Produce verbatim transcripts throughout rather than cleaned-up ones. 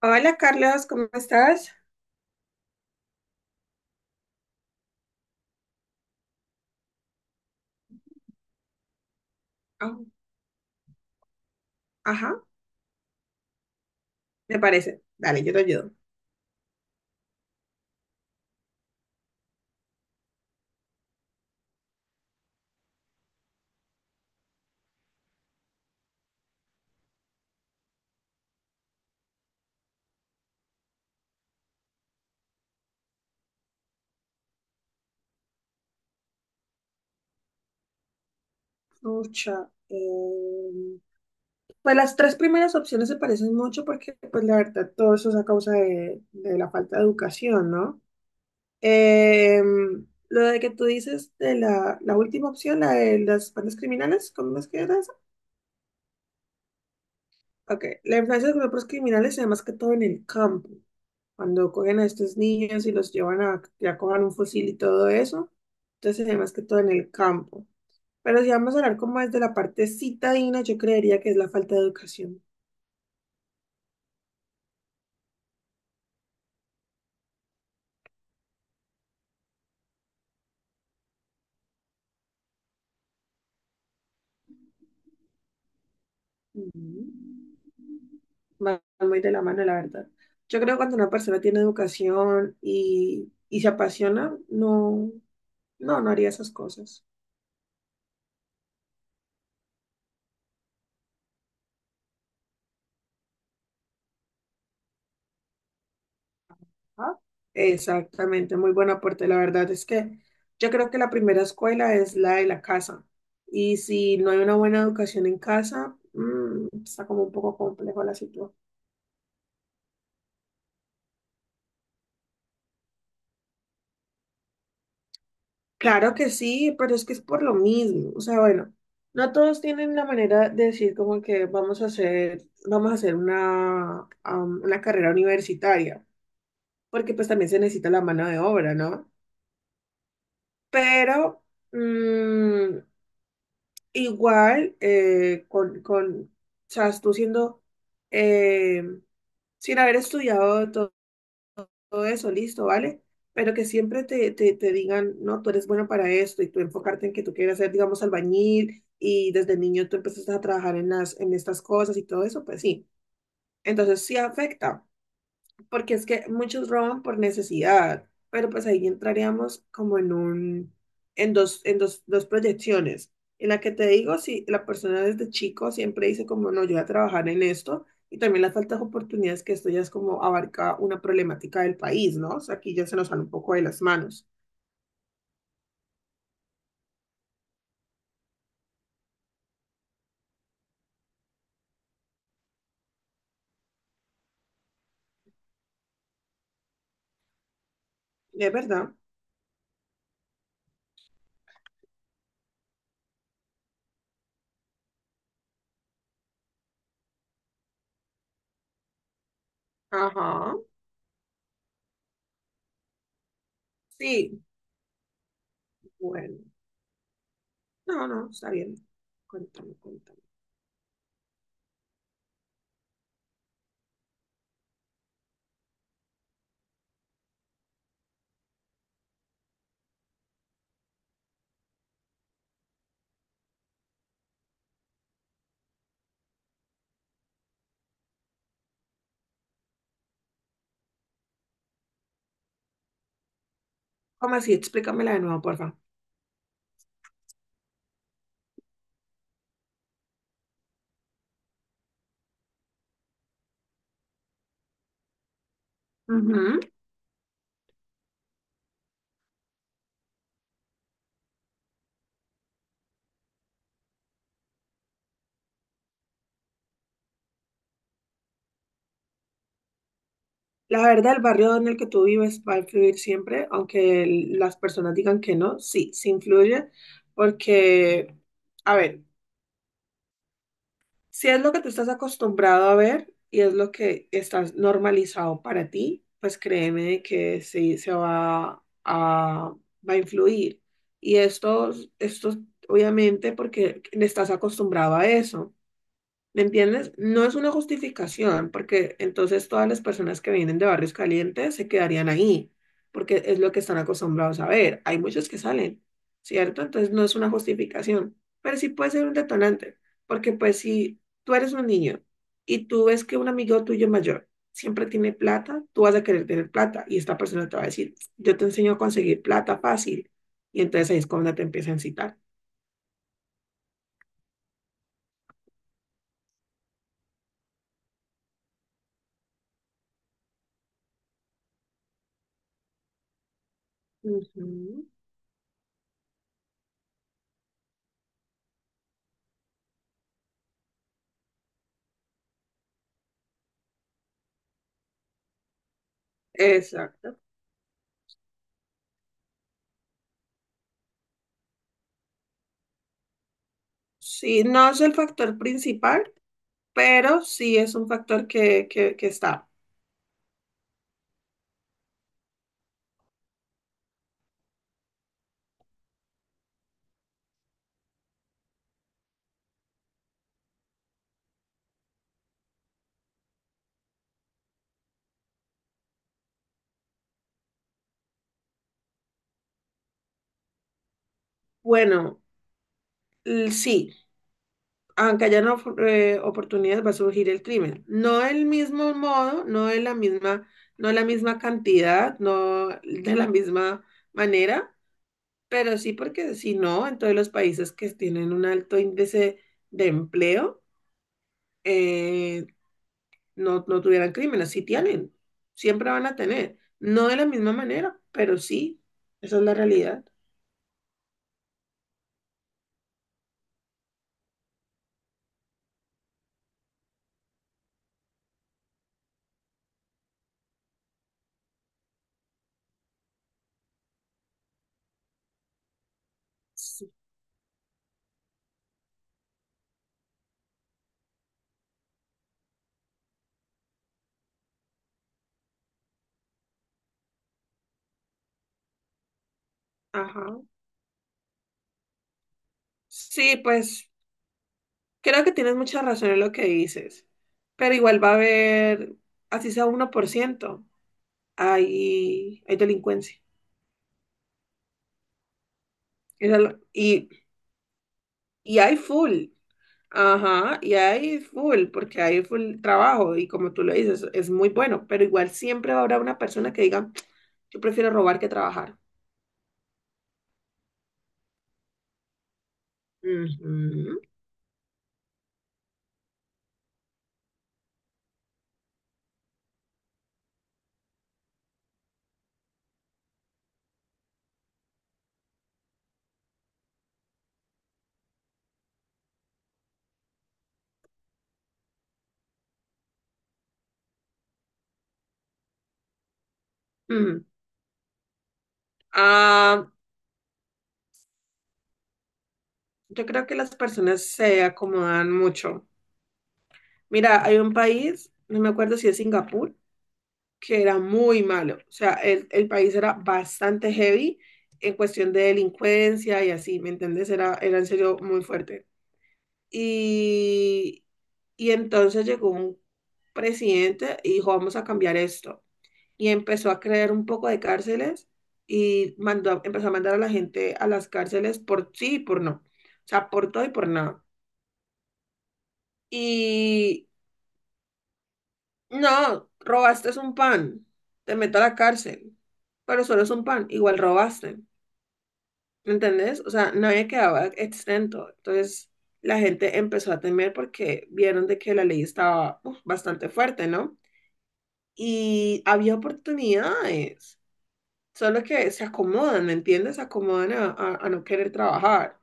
Hola Carlos, ¿cómo estás? Ah, ajá, me parece. Dale, yo te ayudo. Pucha, em, pues las tres primeras opciones se parecen mucho porque pues la verdad todo eso es a causa de, de la falta de educación, ¿no? Em, lo de que tú dices de la, la última opción, la de las bandas criminales, ¿cómo es que era? Ok, la influencia de los grupos criminales se da más que todo en el campo, cuando cogen a estos niños y los llevan a que acojan un fusil y todo eso, entonces se da más que todo en el campo. Pero si vamos a hablar como es de la parte citadina, yo creería que es la falta de educación. Mm. Van muy de la mano, la verdad. Yo creo que cuando una persona tiene educación y, y se apasiona, no, no, no haría esas cosas. Ajá. Exactamente, muy buen aporte. La verdad es que yo creo que la primera escuela es la de la casa. Y si no hay una buena educación en casa, mm, está como un poco complejo la situación. Claro que sí, pero es que es por lo mismo. O sea, bueno, no todos tienen la manera de decir como que vamos a hacer, vamos a hacer una, am, una carrera universitaria, porque pues también se necesita la mano de obra, ¿no? Pero... mm, Igual, eh, con, con, o sea, tú siendo, eh, sin haber estudiado to- todo, eso, listo, ¿vale? Pero que siempre te, te, te digan, no, tú eres bueno para esto y tú enfocarte en que tú quieres ser, digamos, albañil y desde niño tú empezaste a trabajar en las, en estas cosas y todo eso, pues sí. Entonces sí afecta porque es que muchos roban por necesidad, pero pues ahí entraríamos como en un, en dos, en dos, dos proyecciones. En la que te digo, si la persona desde chico siempre dice como, no, yo voy a trabajar en esto, y también las faltas de oportunidades, que esto ya es como abarca una problemática del país, ¿no? O sea, aquí ya se nos sale un poco de las manos. ¿Es verdad? Ajá. Sí, bueno. No, no, está bien. Cuéntame, cuéntame. ¿Cómo así? Explícamela de nuevo, por favor. La verdad, el barrio en el que tú vives va a influir siempre, aunque el- las personas digan que no, sí, sí influye, porque, a ver, si es lo que tú estás acostumbrado a ver y es lo que estás normalizado para ti, pues créeme de que sí se va a, va a influir. Y esto, esto obviamente porque estás acostumbrado a eso. ¿Me entiendes? No es una justificación, porque entonces todas las personas que vienen de barrios calientes se quedarían ahí, porque es lo que están acostumbrados a ver. Hay muchos que salen, ¿cierto? Entonces no es una justificación, pero sí puede ser un detonante, porque pues si tú eres un niño y tú ves que un amigo tuyo mayor siempre tiene plata, tú vas a querer tener plata y esta persona te va a decir, yo te enseño a conseguir plata fácil, y entonces ahí es cuando te empieza a incitar. Ujú. Exacto. Sí, no es el factor principal, pero sí es un factor que, que, que está. Bueno, l- sí. Aunque haya no fu- eh, oportunidad, va a surgir el crimen. No del mismo modo, no de la misma, no de la misma cantidad, no de la misma manera, pero sí porque si no, en todos los países que tienen un alto índice de empleo, eh, no, no tuvieran crímenes, sí tienen, siempre van a tener. No de la misma manera, pero sí, esa es la realidad. Sí. Ajá. Sí, pues. Creo que tienes mucha razón en lo que dices, pero igual va a haber, así sea uno por ciento hay, hay delincuencia. Eso es lo- y, y hay full, ajá, y hay full, porque hay full trabajo y como tú lo dices, es muy bueno, pero igual siempre habrá una persona que diga, yo prefiero robar que trabajar. Ujú, ujú. Ah, yo creo que las personas se acomodan mucho. Mira, hay un país, no me acuerdo si es Singapur, que era muy malo. O sea, el, el país era bastante heavy en cuestión de delincuencia y así, ¿me entiendes? Era, era en serio muy fuerte. Y, y entonces llegó un presidente y dijo, vamos a cambiar esto. Y empezó a crear un poco de cárceles y mandó, empezó a mandar a la gente a las cárceles por sí y por no. O sea, por todo y por nada. Y no, robaste es un pan. Te meto a la cárcel. Pero solo es un pan. Igual robaste. ¿Me ¿Entendés? O sea, nadie quedaba exento. Entonces, la gente empezó a temer porque vieron de que la ley estaba uf, bastante fuerte, ¿no? Y había oportunidades. Solo que se acomodan, ¿me entiendes? Se acomodan a, a- a no querer trabajar.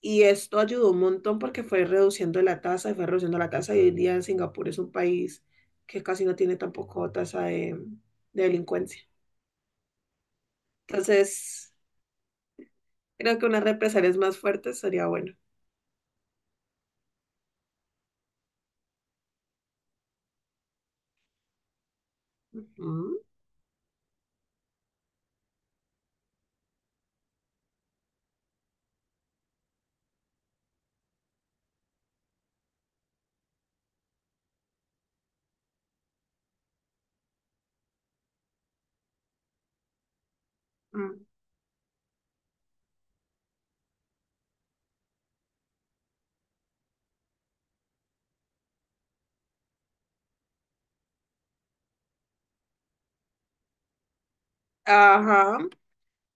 Y esto ayudó un montón porque fue reduciendo la tasa, y fue reduciendo la tasa y hoy en día Singapur es un país que casi no tiene tampoco tasa de, de delincuencia. Entonces, creo que unas represalias más fuertes sería bueno. Mm, mm. Ajá,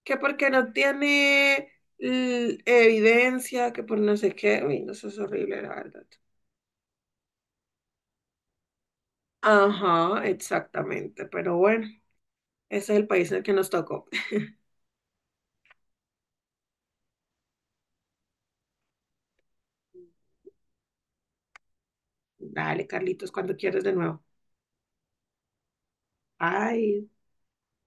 que porque no tiene l- evidencia, que por no sé qué, uy, no, eso es horrible, la verdad. Ajá, exactamente, pero bueno, ese es el país en el que nos tocó. Dale, Carlitos, cuando quieres de nuevo. Ay.